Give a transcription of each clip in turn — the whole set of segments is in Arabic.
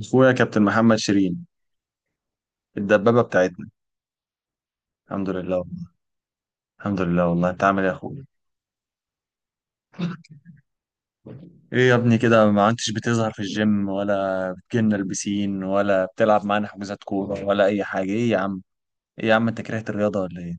اخويا كابتن محمد شيرين. الدبابه بتاعتنا. الحمد لله والله. الحمد لله والله. انت عامل ايه يا اخويا؟ ايه يا ابني كده ما عدتش بتظهر في الجيم، ولا بتجيلنا البسين، ولا بتلعب معانا حجوزات كوره ولا اي حاجه؟ ايه يا عم؟ انت كرهت الرياضه ولا ايه؟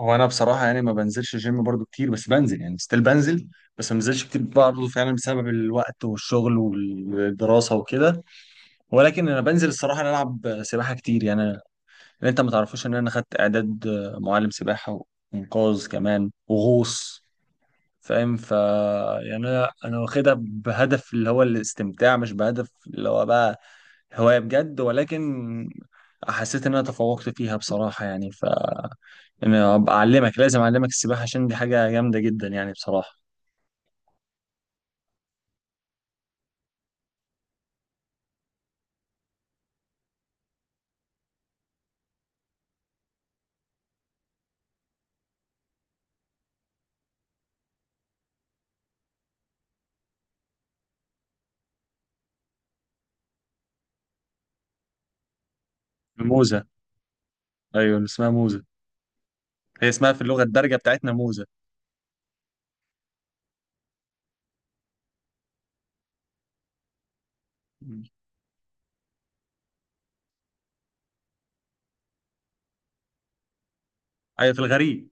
هو انا بصراحه يعني ما بنزلش الجيم برضو كتير، بس بنزل يعني ستيل بنزل. بس ما بنزلش كتير برضو فعلا بسبب الوقت والشغل والدراسه وكده. ولكن انا بنزل الصراحه نلعب سباحه كتير يعني. اللي انت ما تعرفوش ان انا خدت اعداد معلم سباحه وانقاذ كمان وغوص. فاهم ف يعني انا واخدها بهدف اللي هو الاستمتاع، مش بهدف اللي هو بقى هوايه بجد. ولكن حسيت ان انا تفوقت فيها بصراحه يعني. انا ابقى اعلمك، لازم اعلمك السباحه، عشان دي حاجه جامده جدا يعني بصراحه. موزه. ايوه اسمها موزه. هي اسمها في اللغه الدارجه بتاعتنا موزه. ايوه في الغريب.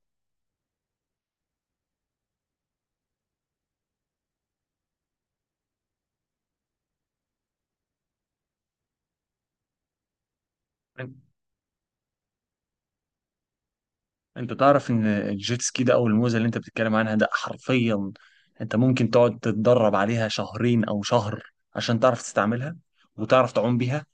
انت تعرف ان الجيت سكي ده او الموزه اللي انت بتتكلم عنها ده حرفيا انت ممكن تقعد تتدرب عليها شهرين او شهر عشان تعرف تستعملها وتعرف تعوم بيها.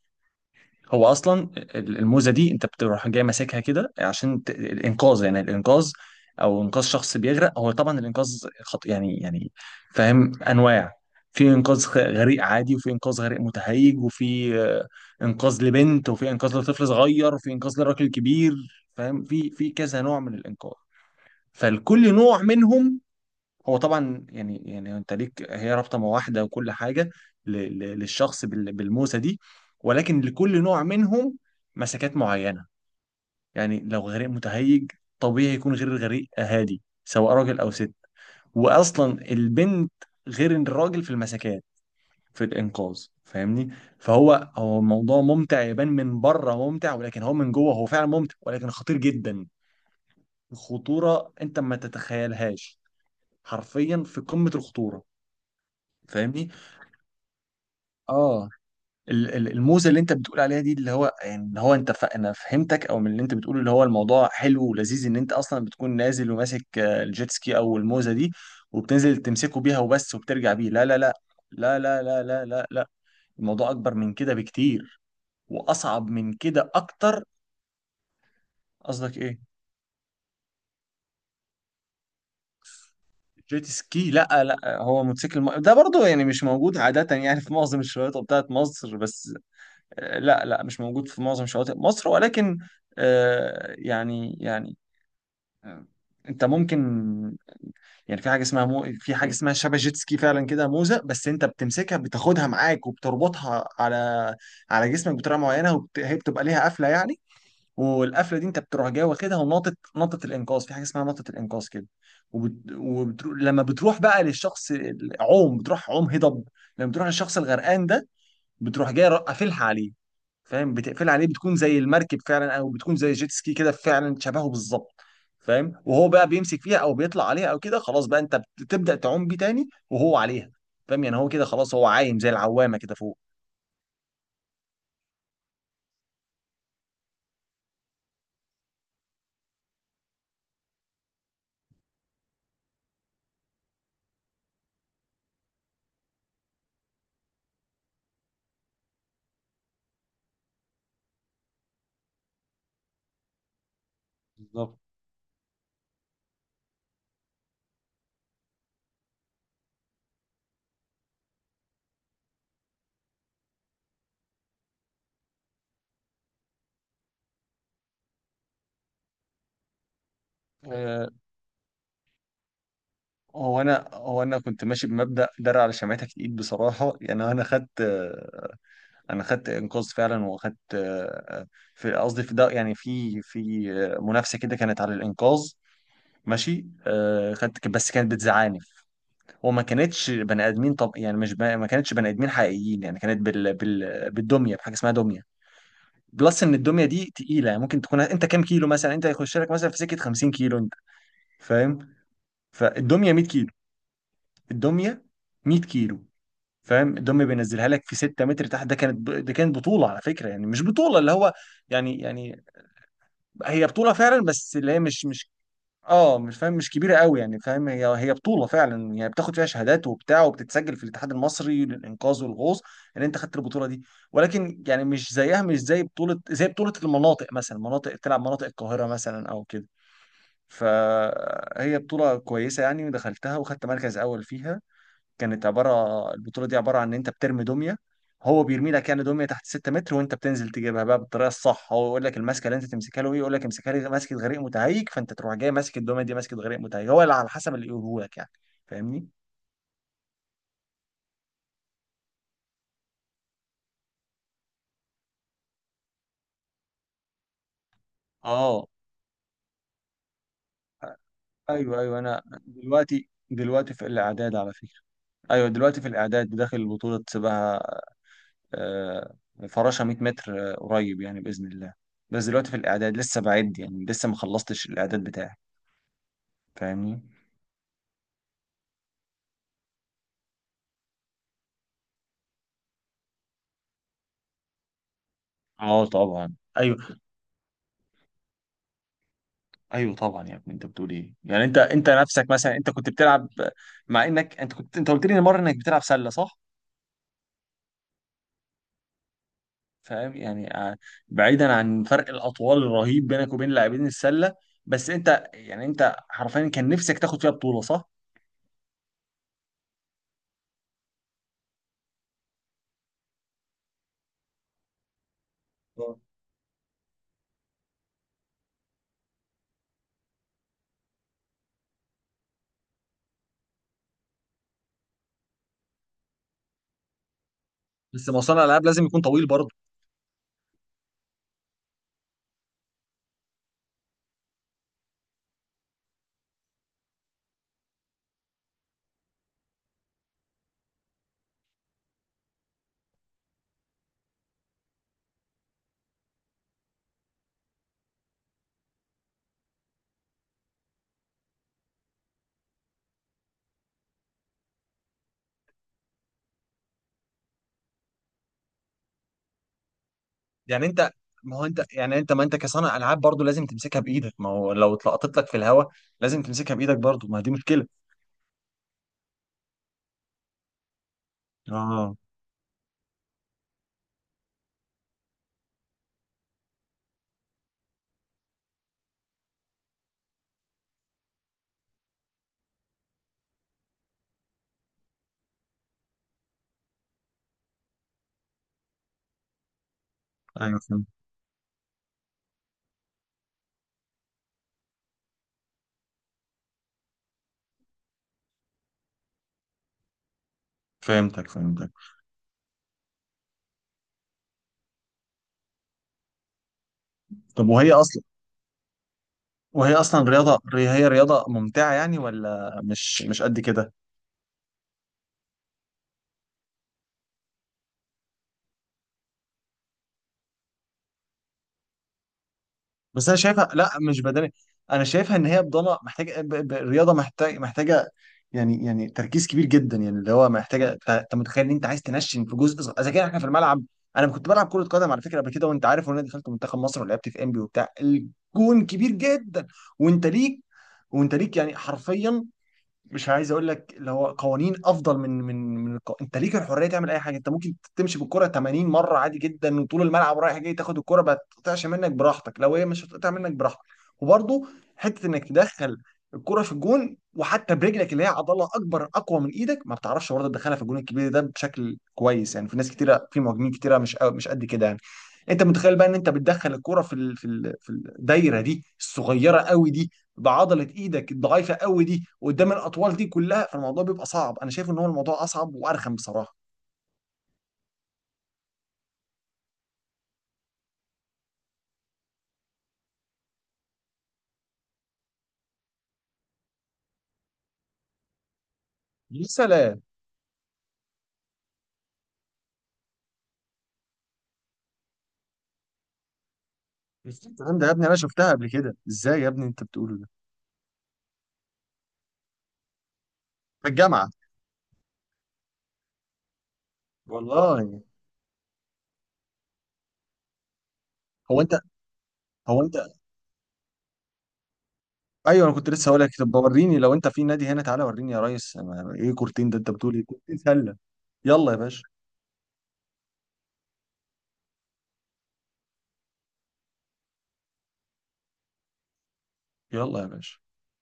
هو اصلا الموزه دي انت بتروح جاي ماسكها كده عشان الانقاذ، يعني الانقاذ او انقاذ شخص بيغرق. هو طبعا الانقاذ يعني فاهم انواع. في انقاذ غريق عادي، وفي انقاذ غريق متهيج، وفي انقاذ لبنت، وفي انقاذ لطفل صغير، وفي انقاذ لراجل كبير. فاهم في كذا نوع من الانقاذ. فالكل نوع منهم هو طبعا يعني انت ليك هي رابطه مواحده وكل حاجه للشخص بالموسى دي. ولكن لكل نوع منهم مسكات معينه. يعني لو غريق متهيج طبيعي يكون غير الغريق هادي، سواء راجل او ست. واصلا البنت غير الراجل في المسكات في الانقاذ، فاهمني؟ فهو الموضوع ممتع، يبان من بره ممتع، ولكن هو من جوه هو فعلا ممتع ولكن خطير جدا. خطوره انت ما تتخيلهاش. حرفيا في قمة الخطورة، فاهمني؟ اه. الموزة اللي انت بتقول عليها دي، اللي هو يعني اللي هو انت انا فهمتك او من اللي انت بتقوله، اللي هو الموضوع حلو ولذيذ ان انت اصلا بتكون نازل وماسك الجيت سكي او الموزة دي، وبتنزل تمسكه بيها وبس وبترجع بيه. لا لا لا، لا لا لا لا لا لا. الموضوع اكبر من كده بكتير واصعب من كده اكتر. قصدك ايه؟ جيت سكي، لا لا، هو موتوسيكل ده برضه يعني مش موجود عادة يعني في معظم الشواطئ بتاعت مصر بس. لا لا مش موجود في معظم شواطئ مصر، ولكن يعني آه، انت ممكن يعني في حاجه اسمها في حاجه اسمها شبه جيت سكي فعلا كده موزه، بس انت بتمسكها بتاخدها معاك وبتربطها على على جسمك بطريقه معينه، هي بتبقى ليها قفله يعني. والقفله دي انت بتروح جاي واخدها، نطت الانقاذ، في حاجه اسمها نطت الانقاذ كده، لما بتروح بقى للشخص العوم بتروح عوم هضب، لما بتروح للشخص الغرقان ده بتروح جاي قافلها عليه. فاهم؟ بتقفل عليه، بتكون زي المركب فعلا او بتكون زي جيت سكي كده فعلا شبهه بالظبط. فاهم؟ وهو بقى بيمسك فيها او بيطلع عليها او كده، خلاص بقى انت بتبدأ تعوم بيه تاني وهو عليها. فاهم؟ يعني هو كده خلاص هو عايم زي العوامة كده فوق. بالظبط. آه، هو انا كنت ماشي بمبدأ درع على شمعتك الايد بصراحة. يعني انا خدت انا خدت انقاذ فعلا، واخدت في قصدي في ده يعني في منافسة كده كانت على الانقاذ. ماشي، خدت، بس كانت بتزعلني وما كانتش بني ادمين. طب يعني مش ب... ما كانتش بني ادمين حقيقيين يعني، كانت بالدميه، بحاجه اسمها دميه. بلس ان الدميه دي تقيله، يعني ممكن تكون انت كام كيلو، مثلا انت هيخش لك مثلا في سكه 50 كيلو انت. فاهم؟ فالدميه 100 كيلو. الدميه 100 كيلو. فاهم؟ الدميه بينزلها لك في 6 متر تحت. ده كانت بطوله على فكره، يعني مش بطوله اللي هو يعني هي بطوله فعلا بس اللي هي مش مش اه مش فاهم، مش كبيره قوي يعني. فاهم؟ هي بطوله فعلا يعني، بتاخد فيها شهادات وبتاع، وبتتسجل في الاتحاد المصري للانقاذ والغوص ان انت خدت البطوله دي. ولكن يعني مش زيها، مش زي بطوله، زي بطوله المناطق مثلا، مناطق تلعب مناطق القاهره مثلا او كده. فهي بطوله كويسه يعني، ودخلتها وخدت مركز اول فيها. كانت عباره، البطوله دي عباره عن ان انت بترمي دميه. هو بيرمي لك يعني دميه تحت 6 متر، وانت بتنزل تجيبها بقى بالطريقه الصح. هو يقول لك المسكه اللي انت تمسكها له ايه، يقول لك امسكها لي ماسكه غريق متهيج، فانت تروح جاي ماسك الدميه دي ماسكه غريق متهيج، هو اللي على حسب اللي يقوله لك يعني. فاهمني؟ اه، ايوه ايوه، انا دلوقتي دلوقتي في الاعداد على فكره. ايوه دلوقتي في الاعداد، داخل بطوله سباحه، آه، فراشه 100 متر، قريب يعني باذن الله. بس دلوقتي في الاعداد لسه، بعد يعني لسه ما خلصتش الاعداد بتاعي. فاهمني؟ اه طبعا. ايوه ايوه طبعا يا ابني، انت بتقول ايه يعني؟ انت انت نفسك مثلا، انت كنت بتلعب، مع انك انت كنت، انت قلت لي مره انك بتلعب سله، صح؟ فاهم يعني بعيدا عن فرق الاطوال الرهيب بينك وبين لاعبين السله، بس انت يعني انت حرفيا كان نفسك تاخد فيها بطوله، صح؟ آه. بس ما هو صانع العاب لازم يكون طويل برضه. يعني انت، ما هو انت يعني، انت ما انت كصانع العاب برضه لازم تمسكها بايدك، ما هو لو اتلقطت لك في الهواء لازم تمسكها بايدك برضه، ما دي مشكله. اه ايوه فهمت. فهمتك فهمتك. طب وهي اصلا، وهي اصلا رياضه، هي رياضه ممتعه يعني ولا مش مش قد كده؟ بس انا شايفها لا مش بدني، انا شايفها ان هي بضلة محتاجه الرياضه محتاجه يعني تركيز كبير جدا يعني، اللي هو محتاجه. انت أنت متخيل ان انت عايز تنشن في جزء صغير، اذا كان احنا في الملعب. انا كنت بلعب كره قدم على فكره قبل كده وانت عارف، وانا دخلت منتخب مصر ولعبت في انبي وبتاع، الجون كبير جدا وانت ليك، وانت ليك يعني حرفيا، مش عايز اقول لك اللي هو قوانين افضل من انت ليك الحريه تعمل اي حاجه. انت ممكن تمشي بالكره 80 مره عادي جدا وطول الملعب رايح جاي، تاخد الكره ما تقطعش منك براحتك لو هي مش هتقطع منك براحتك. وبرضه حته انك تدخل الكره في الجون وحتى برجلك اللي هي عضله اكبر اقوى من ايدك ما بتعرفش برضه تدخلها في الجون الكبير ده بشكل كويس يعني. في ناس كتيره، في مهاجمين كتيره مش مش قد كده يعني. انت متخيل بقى ان انت بتدخل الكرة في في الدايره دي الصغيره قوي دي بعضله ايدك الضعيفه قوي دي قدام الاطوال دي كلها؟ فالموضوع بيبقى صعب. انا شايف ان هو الموضوع اصعب وارخم بصراحه. يا سلام. الكلام ده يا ابني انا شفتها قبل كده، ازاي يا ابني انت بتقوله ده؟ في الجامعه. والله. هو انت هو انت. ايوه انا كنت لسه هقول لك، طب وريني لو انت في نادي هنا. تعالى وريني يا ريس، ايه كورتين ده، انت بتقول ايه كورتين سله؟ يلا يا باشا. يلا يا باشا.